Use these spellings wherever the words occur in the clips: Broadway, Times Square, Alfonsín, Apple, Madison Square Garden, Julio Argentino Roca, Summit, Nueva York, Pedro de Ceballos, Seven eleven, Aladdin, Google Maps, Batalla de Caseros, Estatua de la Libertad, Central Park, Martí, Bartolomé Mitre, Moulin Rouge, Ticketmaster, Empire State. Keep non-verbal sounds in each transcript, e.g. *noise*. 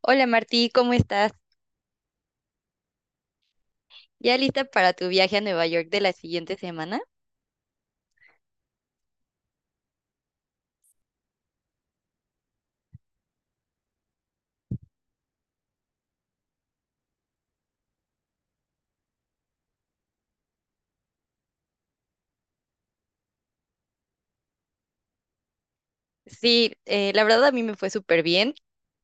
Hola Martí, ¿cómo estás? ¿Ya lista para tu viaje a Nueva York de la siguiente semana? Sí, la verdad a mí me fue súper bien.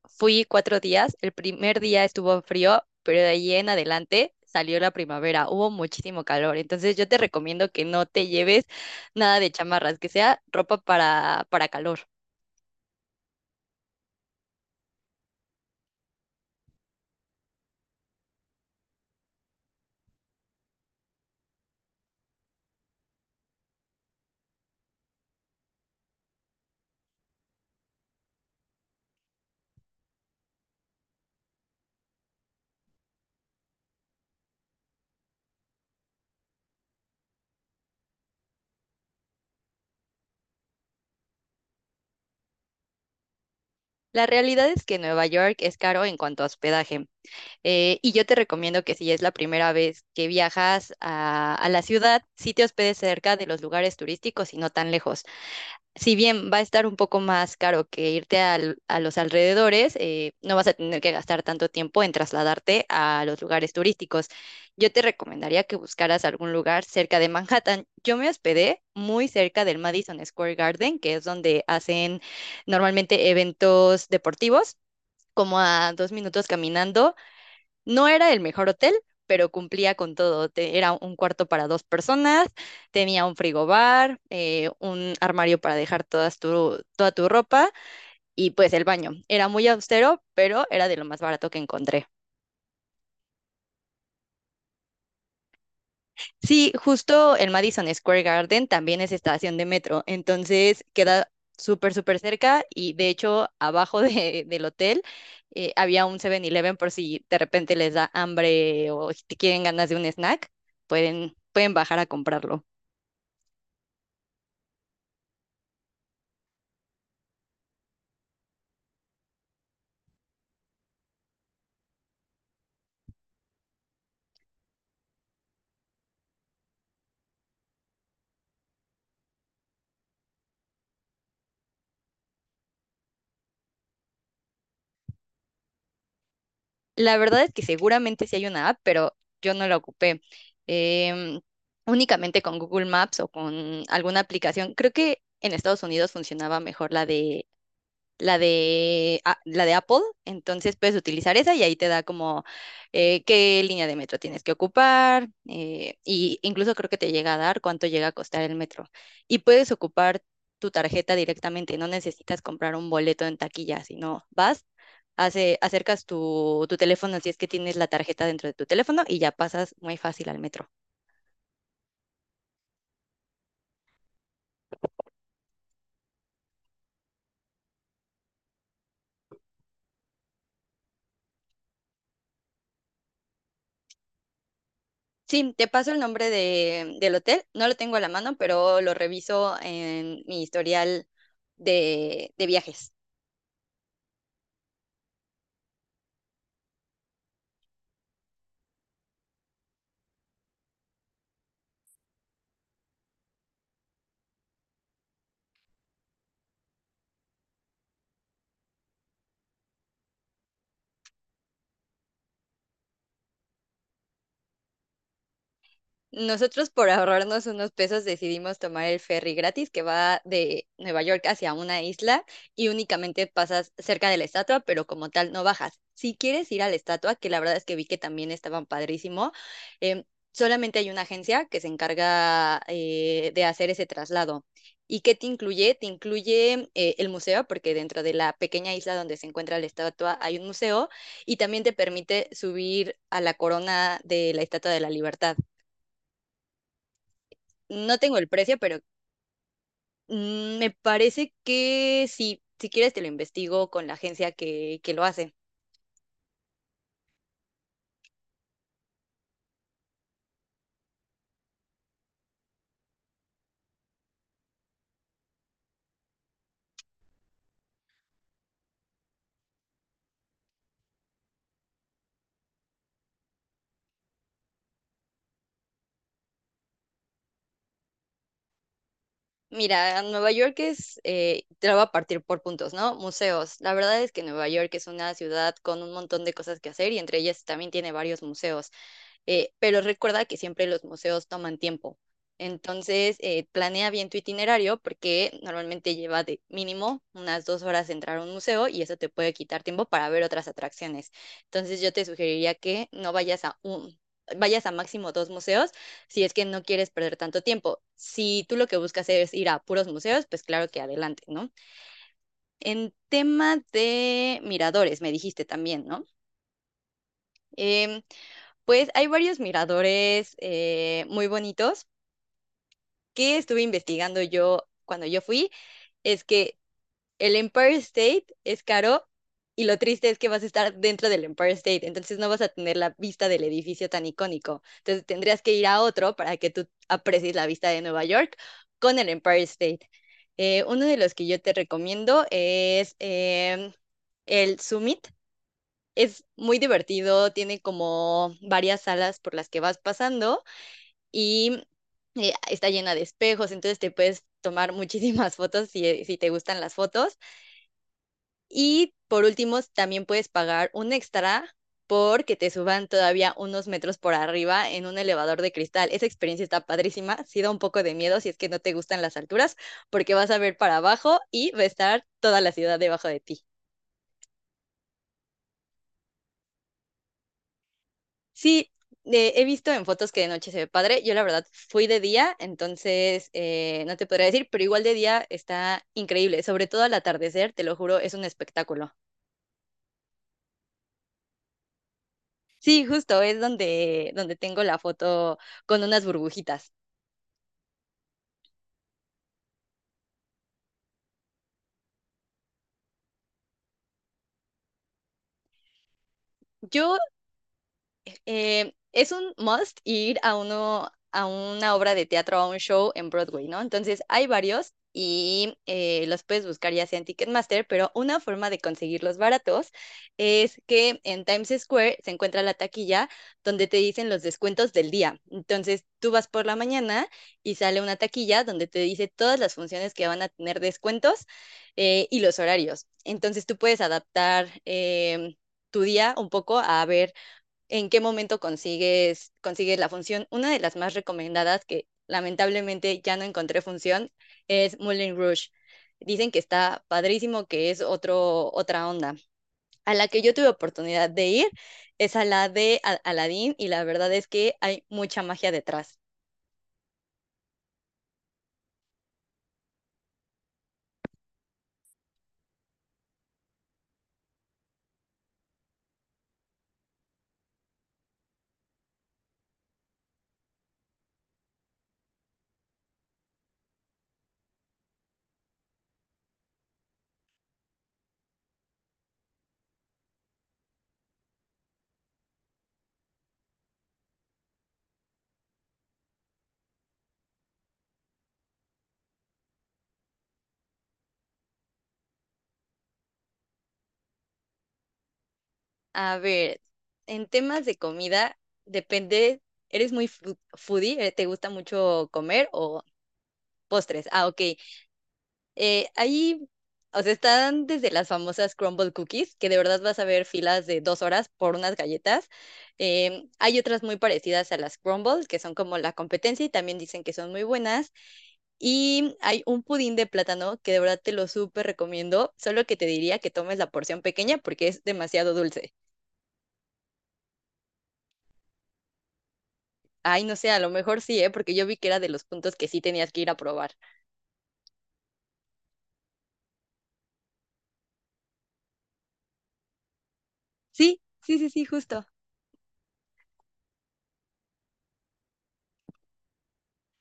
Fui cuatro días. El primer día estuvo frío, pero de ahí en adelante salió la primavera. Hubo muchísimo calor. Entonces yo te recomiendo que no te lleves nada de chamarras, que sea ropa para calor. La realidad es que Nueva York es caro en cuanto a hospedaje. Y yo te recomiendo que si es la primera vez que viajas a la ciudad, sí te hospedes cerca de los lugares turísticos y no tan lejos. Si bien va a estar un poco más caro que irte a los alrededores, no vas a tener que gastar tanto tiempo en trasladarte a los lugares turísticos. Yo te recomendaría que buscaras algún lugar cerca de Manhattan. Yo me hospedé muy cerca del Madison Square Garden, que es donde hacen normalmente eventos deportivos. Como a 2 minutos caminando, no era el mejor hotel, pero cumplía con todo. Era un cuarto para 2 personas, tenía un frigobar, un armario para dejar toda tu ropa y pues el baño. Era muy austero, pero era de lo más barato que encontré. Sí, justo el Madison Square Garden también es estación de metro, entonces queda súper cerca, y de hecho abajo *laughs* del hotel había un 7-Eleven por si de repente les da hambre o si quieren ganas de un snack, pueden bajar a comprarlo. La verdad es que seguramente sí hay una app, pero yo no la ocupé. Em, Únicamente con Google Maps o con alguna aplicación. Creo que en Estados Unidos funcionaba mejor la de Apple, entonces puedes utilizar esa y ahí te da como qué línea de metro tienes que ocupar, y incluso creo que te llega a dar cuánto llega a costar el metro. Y puedes ocupar tu tarjeta directamente, no necesitas comprar un boleto en taquilla, sino vas, acercas tu teléfono si es que tienes la tarjeta dentro de tu teléfono y ya pasas muy fácil al metro. Sí, te paso el nombre del hotel. No lo tengo a la mano, pero lo reviso en mi historial de viajes. Nosotros por ahorrarnos unos pesos decidimos tomar el ferry gratis que va de Nueva York hacia una isla y únicamente pasas cerca de la estatua, pero como tal no bajas. Si quieres ir a la estatua, que la verdad es que vi que también estaban padrísimo, em, solamente hay una agencia que se encarga, de hacer ese traslado. ¿Y qué te incluye? Te incluye, el museo, porque dentro de la pequeña isla donde se encuentra la estatua hay un museo y también te permite subir a la corona de la Estatua de la Libertad. No tengo el precio, pero mm, me parece que sí, si quieres te lo investigo con la agencia que lo hace. Mira, Nueva York es, te lo voy a partir por puntos, ¿no? Museos. La verdad es que Nueva York es una ciudad con un montón de cosas que hacer y entre ellas también tiene varios museos. Pero recuerda que siempre los museos toman tiempo. Entonces, planea bien tu itinerario porque normalmente lleva de mínimo unas 2 horas entrar a un museo y eso te puede quitar tiempo para ver otras atracciones. Entonces, yo te sugeriría que no vayas a un, vayas a máximo 2 museos si es que no quieres perder tanto tiempo. Si tú lo que buscas es ir a puros museos, pues claro que adelante, ¿no? En tema de miradores, me dijiste también, ¿no? Em, pues hay varios miradores, muy bonitos, que estuve investigando yo cuando yo fui. Es que el Empire State es caro y lo triste es que vas a estar dentro del Empire State, entonces no vas a tener la vista del edificio tan icónico. Entonces tendrías que ir a otro para que tú aprecies la vista de Nueva York con el Empire State. Uno de los que yo te recomiendo es el Summit. Es muy divertido, tiene como varias salas por las que vas pasando y está llena de espejos, entonces te puedes tomar *laughs* muchísimas fotos si te gustan las fotos. Y por último, también puedes pagar un extra porque te suban todavía unos metros por arriba en un elevador de cristal. Esa experiencia está padrísima, sí da un poco de miedo si es que no te gustan las alturas, porque vas a ver para abajo y va a estar toda la ciudad debajo de ti. Sí, he visto en fotos que de noche se ve padre. Yo la verdad fui de día, entonces no te podría decir, pero igual de día está increíble, sobre todo al atardecer, te lo juro, es un espectáculo. Sí, justo es donde, donde tengo la foto con unas burbujitas. Yo, es un must ir a uno, a una obra de teatro, a un show en Broadway, ¿no? Entonces hay varios y, los puedes buscar ya sea en Ticketmaster, pero una forma de conseguirlos baratos es que en Times Square se encuentra la taquilla donde te dicen los descuentos del día. Entonces tú vas por la mañana y sale una taquilla donde te dice todas las funciones que van a tener descuentos, y los horarios. Entonces tú puedes adaptar... Tu día un poco a ver en qué momento consigues la función. Una de las más recomendadas, que lamentablemente ya no encontré función, es Moulin Rouge. Dicen que está padrísimo, que es otra onda. A la que yo tuve oportunidad de ir es a la de Aladdin y la verdad es que hay mucha magia detrás. A ver, en temas de comida, depende, ¿eres muy foodie? ¿Te gusta mucho comer o postres? Ah, ok. Eh, ahí, o sea, están desde las famosas crumble cookies, que de verdad vas a ver filas de 2 horas por unas galletas. Hay otras muy parecidas a las crumbles, que son como la competencia y también dicen que son muy buenas. Y hay un pudín de plátano que de verdad te lo súper recomiendo, solo que te diría que tomes la porción pequeña porque es demasiado dulce. Ay, no sé, a lo mejor sí, ¿eh? Porque yo vi que era de los puntos que sí tenías que ir a probar. Sí, sí, sí, sí, justo.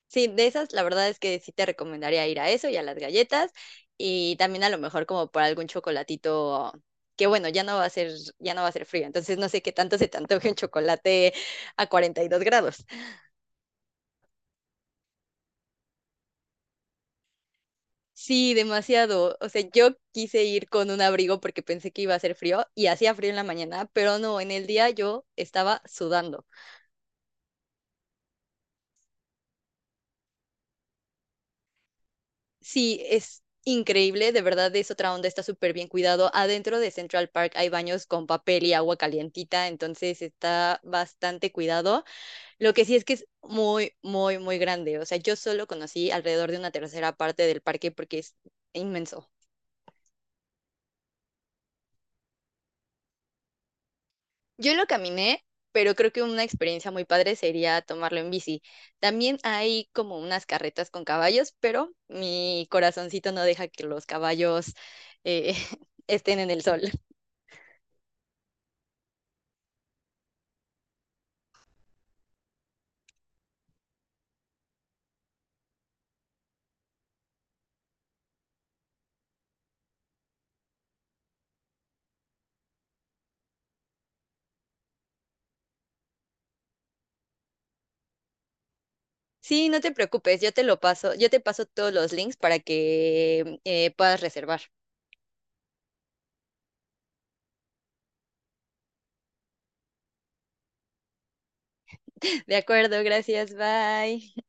Sí, de esas, la verdad es que sí te recomendaría ir a eso y a las galletas, y también a lo mejor como por algún chocolatito que bueno, ya no va a ser frío, entonces no sé qué tanto se te antoje un chocolate a 42 grados. Sí, demasiado. O sea, yo quise ir con un abrigo porque pensé que iba a hacer frío y hacía frío en la mañana, pero no, en el día yo estaba sudando. Sí, es increíble, de verdad es otra onda, está súper bien cuidado. Adentro de Central Park hay baños con papel y agua calientita, entonces está bastante cuidado. Lo que sí es que es muy grande. O sea, yo solo conocí alrededor de una tercera parte del parque porque es inmenso. Yo lo caminé, pero creo que una experiencia muy padre sería tomarlo en bici. También hay como unas carretas con caballos, pero mi corazoncito no deja que los caballos, eh, *laughs* estén en el sol. Sí, no te preocupes, yo te lo paso, yo te paso todos los links para que puedas reservar. *laughs* De acuerdo, gracias, bye.